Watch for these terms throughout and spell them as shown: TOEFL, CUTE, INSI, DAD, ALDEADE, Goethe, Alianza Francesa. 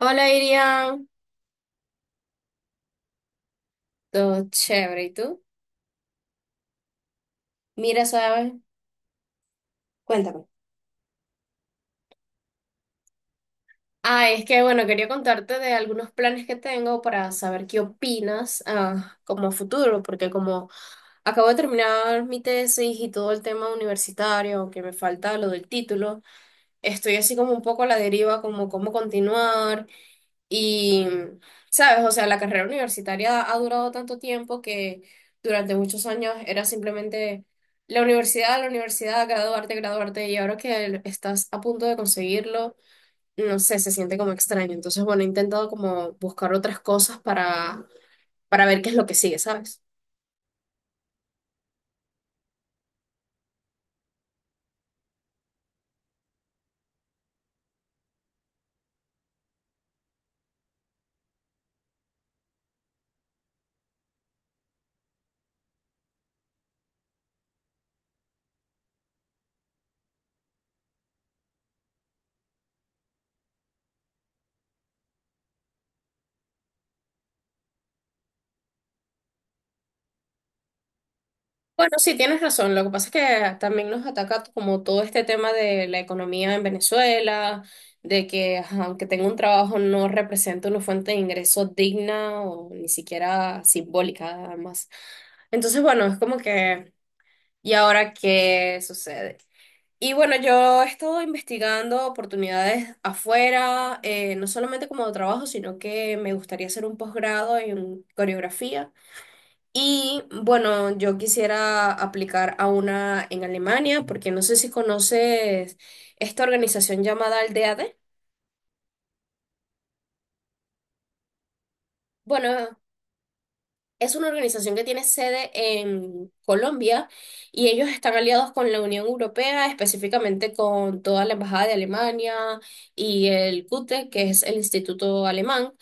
Hola Irian, todo chévere, ¿y tú? Mira, ¿sabes? Cuéntame. Es que bueno, quería contarte de algunos planes que tengo para saber qué opinas como a futuro, porque como acabo de terminar mi tesis y todo el tema universitario, que me falta lo del título, estoy así como un poco a la deriva, como cómo continuar. Y, sabes, o sea, la carrera universitaria ha durado tanto tiempo que durante muchos años era simplemente la universidad, graduarte, graduarte, y ahora que estás a punto de conseguirlo, no sé, se siente como extraño. Entonces, bueno, he intentado como buscar otras cosas para ver qué es lo que sigue, ¿sabes? Bueno, sí, tienes razón. Lo que pasa es que también nos ataca como todo este tema de la economía en Venezuela, de que ajá, aunque tenga un trabajo no representa una fuente de ingreso digna o ni siquiera simbólica, además. Entonces, bueno, es como que, ¿y ahora qué sucede? Y bueno, yo he estado investigando oportunidades afuera, no solamente como de trabajo, sino que me gustaría hacer un posgrado en coreografía. Y bueno, yo quisiera aplicar a una en Alemania, porque no sé si conoces esta organización llamada ALDEADE. Bueno, es una organización que tiene sede en Colombia y ellos están aliados con la Unión Europea, específicamente con toda la Embajada de Alemania y el CUTE, que es el Instituto Alemán.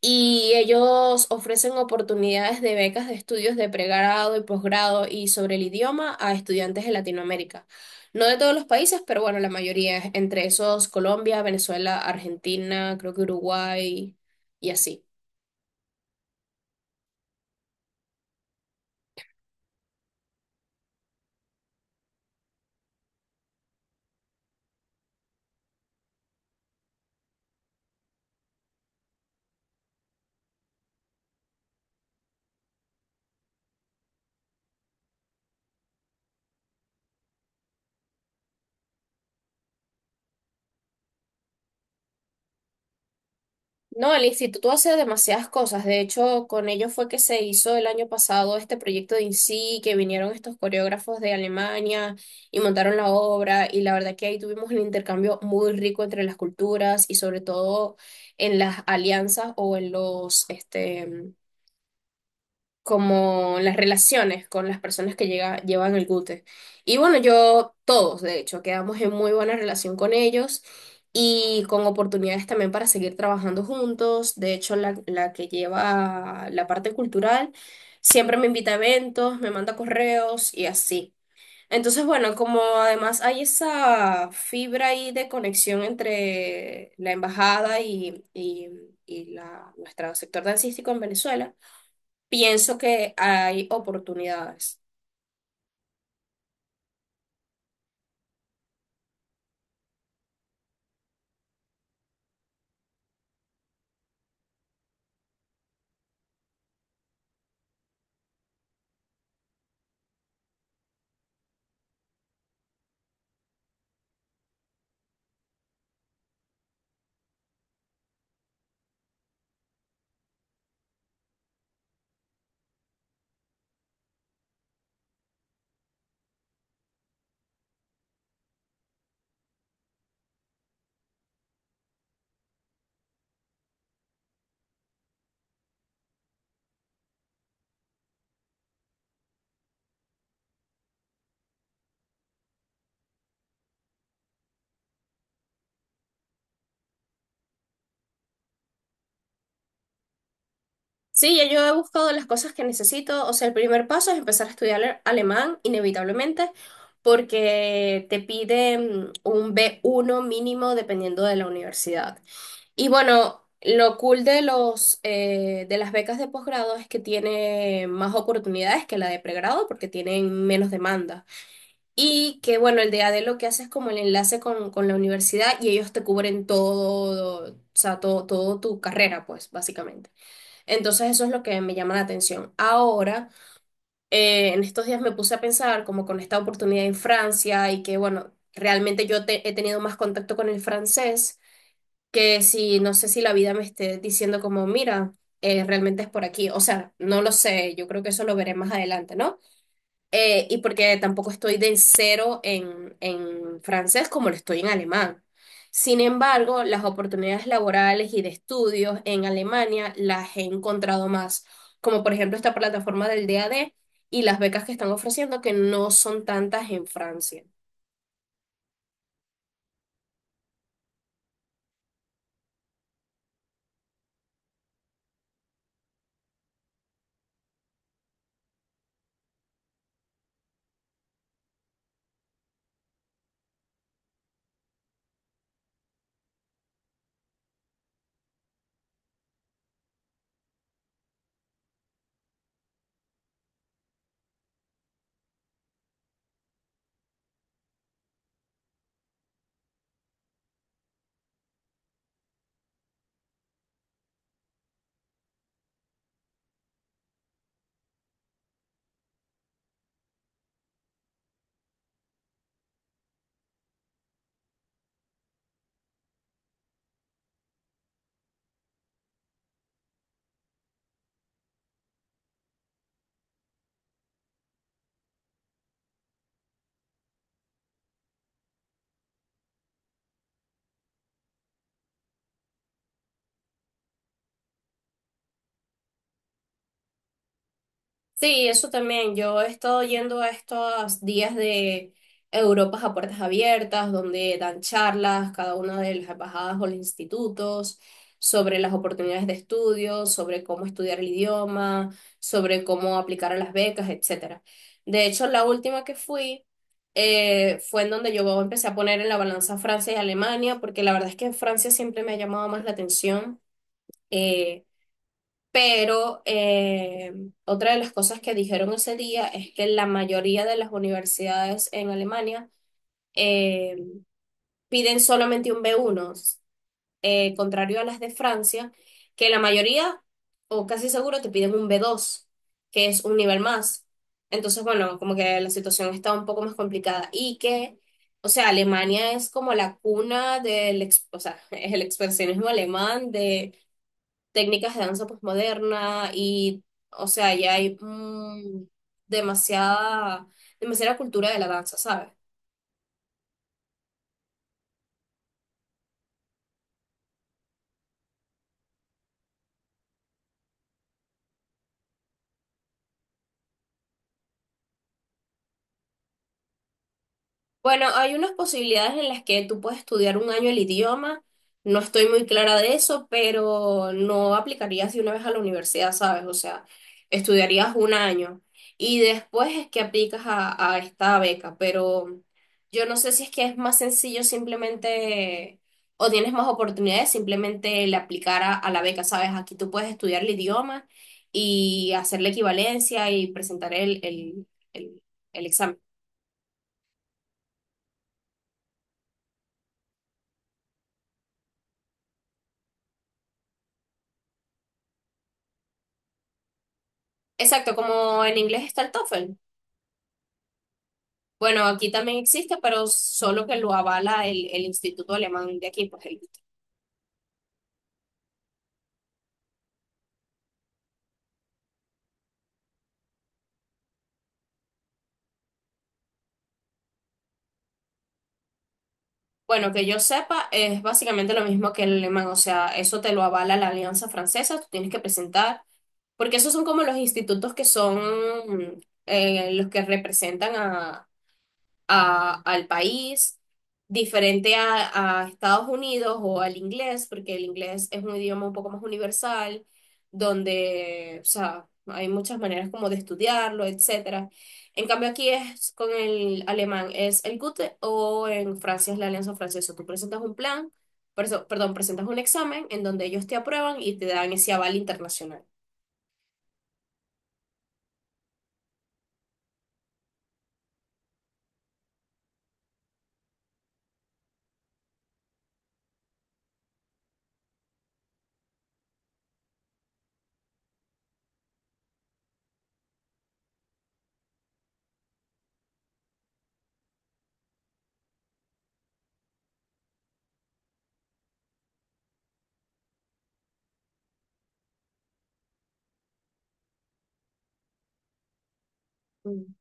Y ellos ofrecen oportunidades de becas de estudios de pregrado y posgrado y sobre el idioma a estudiantes de Latinoamérica. No de todos los países, pero bueno, la mayoría, entre esos Colombia, Venezuela, Argentina, creo que Uruguay y así. No, el instituto hace demasiadas cosas. De hecho, con ellos fue que se hizo el año pasado este proyecto de INSI, que vinieron estos coreógrafos de Alemania y montaron la obra. Y la verdad que ahí tuvimos un intercambio muy rico entre las culturas y sobre todo en las alianzas o en como las relaciones con las personas que llevan el Gute. Y bueno, yo, todos, de hecho, quedamos en muy buena relación con ellos y con oportunidades también para seguir trabajando juntos. De hecho, la que lleva la parte cultural siempre me invita a eventos, me manda correos y así. Entonces, bueno, como además hay esa fibra ahí de conexión entre la embajada y nuestro sector dancístico en Venezuela, pienso que hay oportunidades. Sí, ya yo he buscado las cosas que necesito. O sea, el primer paso es empezar a estudiar alemán, inevitablemente, porque te piden un B1 mínimo dependiendo de la universidad. Y bueno, lo cool de de las becas de posgrado es que tiene más oportunidades que la de pregrado porque tienen menos demanda. Y que bueno, el de ADE lo que hace es como el enlace con la universidad y ellos te cubren todo, o sea, todo, todo tu carrera, pues, básicamente. Entonces eso es lo que me llama la atención. Ahora, en estos días me puse a pensar como con esta oportunidad en Francia y que bueno, realmente yo he tenido más contacto con el francés que si, no sé si la vida me esté diciendo como, mira, realmente es por aquí. O sea, no lo sé, yo creo que eso lo veré más adelante, ¿no? Y porque tampoco estoy del cero en francés como lo estoy en alemán. Sin embargo, las oportunidades laborales y de estudios en Alemania las he encontrado más, como por ejemplo esta plataforma del DAD y las becas que están ofreciendo que no son tantas en Francia. Sí, eso también. Yo he estado yendo a estos días de Europas a puertas abiertas, donde dan charlas cada una de las embajadas o los institutos sobre las oportunidades de estudio, sobre cómo estudiar el idioma, sobre cómo aplicar a las becas, etcétera. De hecho, la última que fui fue en donde yo empecé a poner en la balanza Francia y Alemania, porque la verdad es que Francia siempre me ha llamado más la atención. eh, pero otra de las cosas que dijeron ese día es que la mayoría de las universidades en Alemania eh, piden solamente un B1, contrario a las de Francia, que la mayoría, o casi seguro, te piden un B2, que es un nivel más. Entonces, bueno, como que la situación está un poco más complicada y que, o sea, Alemania es como la cuna del, o sea, es el expresionismo alemán de técnicas de danza posmoderna y, o sea, ya hay demasiada, demasiada cultura de la danza, ¿sabes? Bueno, hay unas posibilidades en las que tú puedes estudiar un año el idioma. No estoy muy clara de eso, pero no aplicarías de una vez a la universidad, ¿sabes? O sea, estudiarías un año y después es que aplicas a esta beca, pero yo no sé si es que es más sencillo simplemente o tienes más oportunidades simplemente el aplicar a la beca, ¿sabes? Aquí tú puedes estudiar el idioma y hacer la equivalencia y presentar el el examen. Exacto, como en inglés está el TOEFL. Bueno, aquí también existe, pero solo que lo avala el Instituto Alemán de aquí, pues el- Bueno, que yo sepa, es básicamente lo mismo que el alemán, o sea, eso te lo avala la Alianza Francesa, tú tienes que presentar, porque esos son como los institutos que son los que representan al país, diferente a Estados Unidos o al inglés, porque el inglés es un idioma un poco más universal, donde, o sea, hay muchas maneras como de estudiarlo, etcétera. En cambio aquí es con el alemán, es el Goethe o en Francia es la Alianza Francesa. Tú presentas un plan, perdón, presentas un examen en donde ellos te aprueban y te dan ese aval internacional. Mm.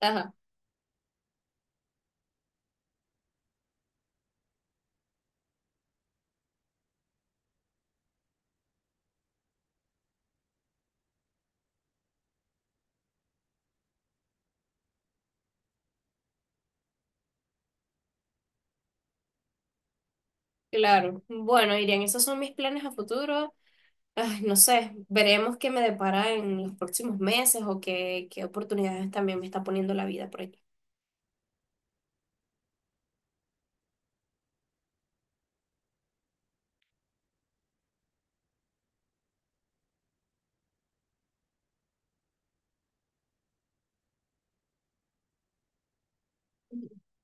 Ajá, claro. Bueno, Irian, esos son mis planes a futuro. Ay, no sé, veremos qué me depara en los próximos meses o qué oportunidades también me está poniendo la vida por aquí.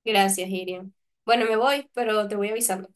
Gracias, Irian. Bueno, me voy, pero te voy avisando.